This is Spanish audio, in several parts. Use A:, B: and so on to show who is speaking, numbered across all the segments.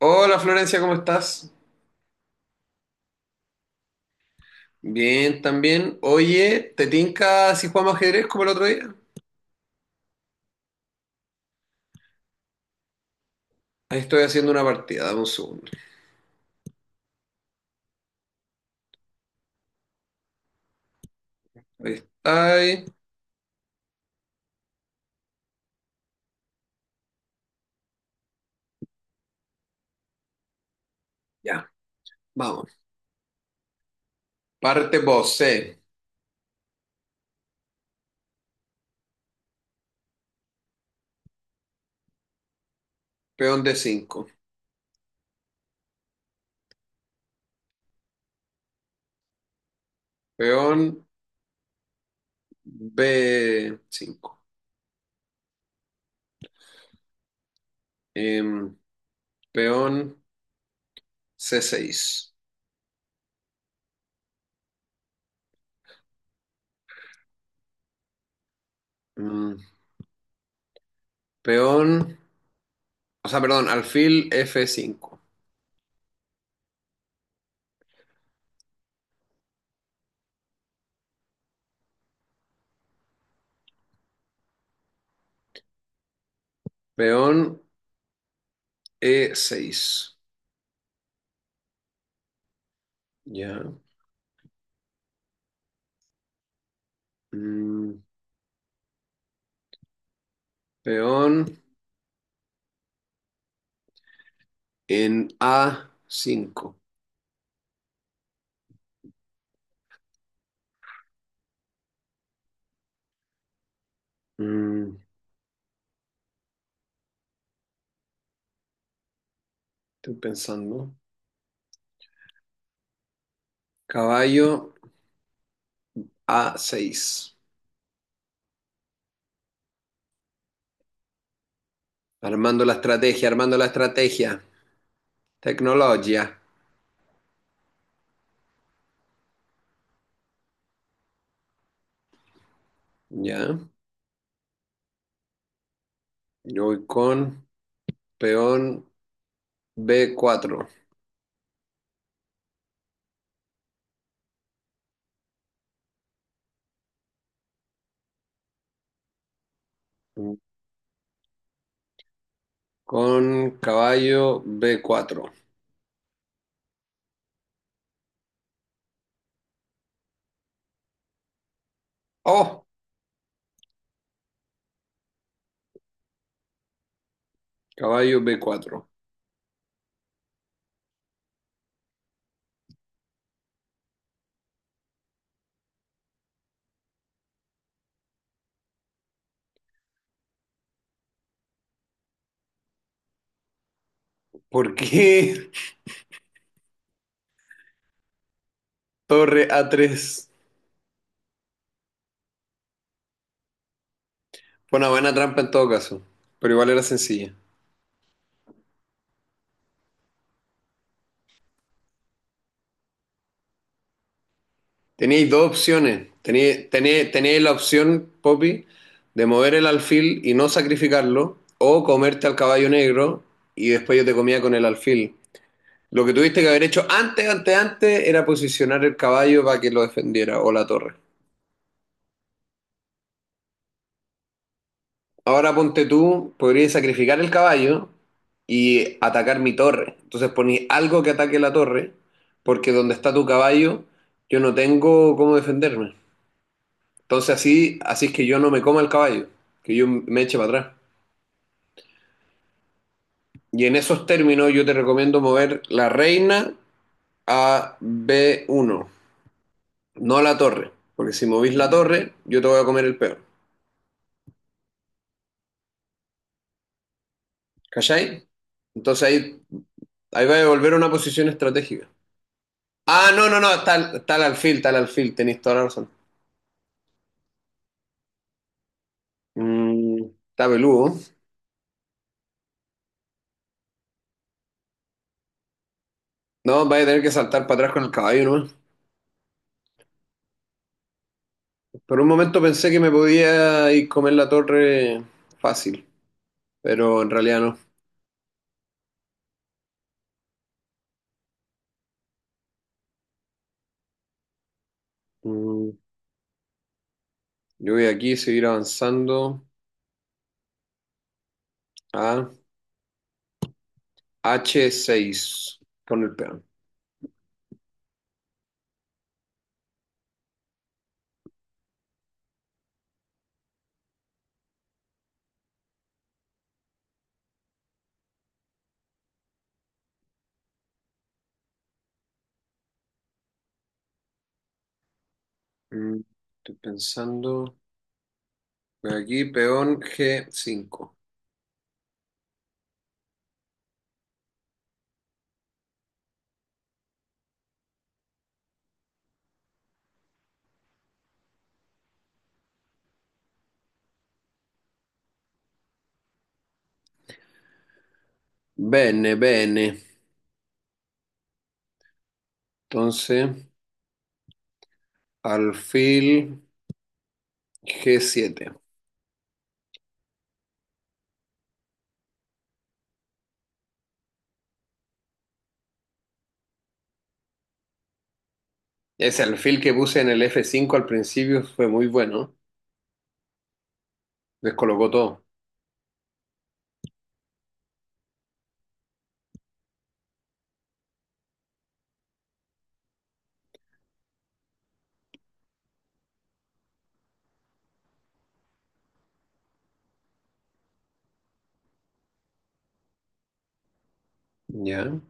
A: Hola Florencia, ¿cómo estás? Bien, también. Oye, ¿te tinca si jugamos ajedrez como el otro día? Ahí estoy haciendo una partida, dame un segundo. Ahí está. Ahí. Ya, vamos. Parte vos, C. Peón d cinco. Peón b cinco. Em, peón c seis. Mm, peón, o sea, perdón, alfil f cinco. Peón e seis. Ya. Mm, Peón en a cinco. Mm, Estoy pensando. Caballo A6. Armando la estrategia, armando la estrategia. Tecnología. Ya. Yo voy con peón B4. Con caballo B4. ¡Oh! Caballo B4. ¿Por qué torre A3? Fue una buena trampa en todo caso, pero igual era sencilla. Tenéis dos opciones. Tenéis la opción, Poppy, de mover el alfil y no sacrificarlo, o comerte al caballo negro y después yo te comía con el alfil. Lo que tuviste que haber hecho antes, antes, antes, era posicionar el caballo para que lo defendiera o la torre. Ahora ponte tú, podrías sacrificar el caballo y atacar mi torre. Entonces poní algo que ataque la torre, porque donde está tu caballo, yo no tengo cómo defenderme. Entonces así, así es que yo no me coma el caballo, que yo me eche para atrás. Y en esos términos yo te recomiendo mover la reina a b uno, no la torre, porque si movís la torre, yo te voy a comer el peón. ¿Cachai? Entonces ahí, ahí va a volver a una posición estratégica. Ah, no, no, no, está, está el alfil, tenéis toda la razón. Mm, Está peludo. No, vais a tener que saltar para atrás con el caballo, ¿no? Por un momento pensé que me podía ir comer la torre fácil, pero en realidad no. Mm, Yo voy aquí a seguir avanzando a H6 con el peón. Mm, Estoy pensando. Voy aquí, peón G5. Bene, bene. Entonces, alfil G7. Ese alfil que puse en el F5 al principio fue muy bueno. Descolocó todo. Ya.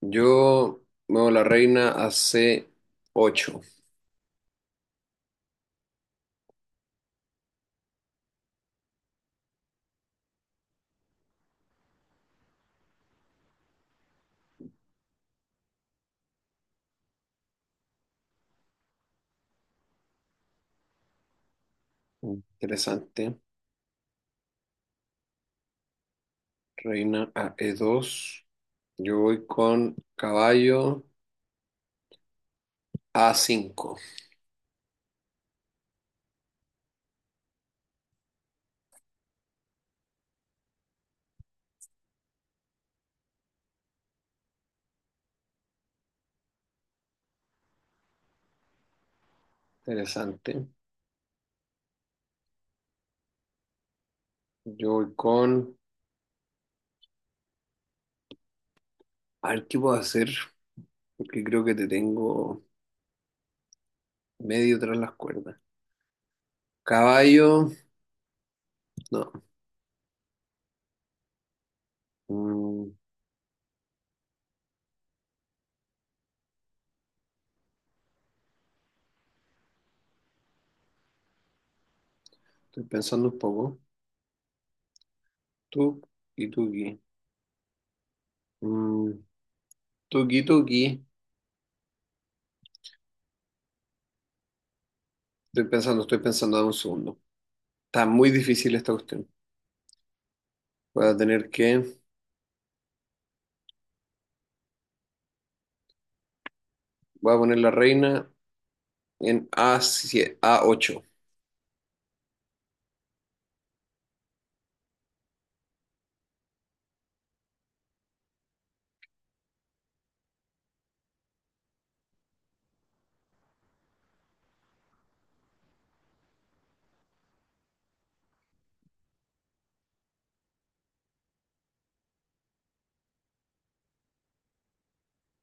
A: Yo muevo la reina a C8. Interesante. Reina a E2. Yo voy con caballo a cinco. Interesante. Yo voy con... A ver qué puedo hacer, porque creo que te tengo medio tras las cuerdas. Caballo... No. Mm, Estoy pensando un poco. Tú y tuki. Mm, Tuki, tuki. Estoy pensando, dame un segundo. Está muy difícil esta cuestión. Voy a tener que... Voy a poner la reina en a siete, a ocho.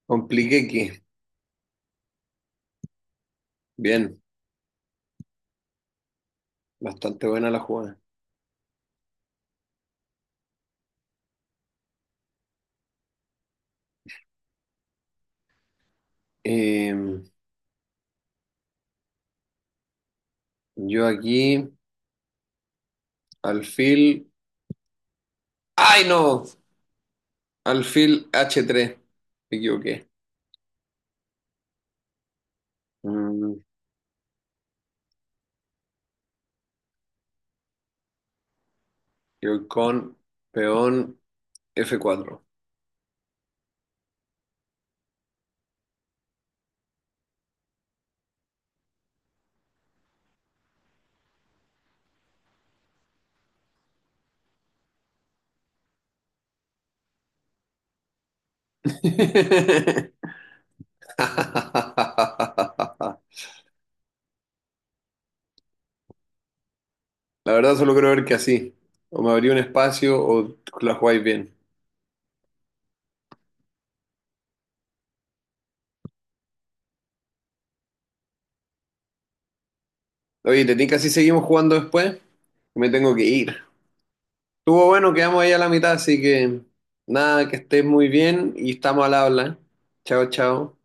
A: Compliqué que. Bien, bastante buena la jugada. Em, yo aquí, alfil. ¡Ay, no! Alfil H3. Me equivoqué. Mm, yo con peón F4. La verdad, solo creo ver que así. O me abrí un espacio o la jugáis bien. Oye, ¿te tinca si seguimos jugando después? Me tengo que ir. Estuvo bueno, quedamos ahí a la mitad, así que nada, que estés muy bien y estamos al habla. Chao, chao.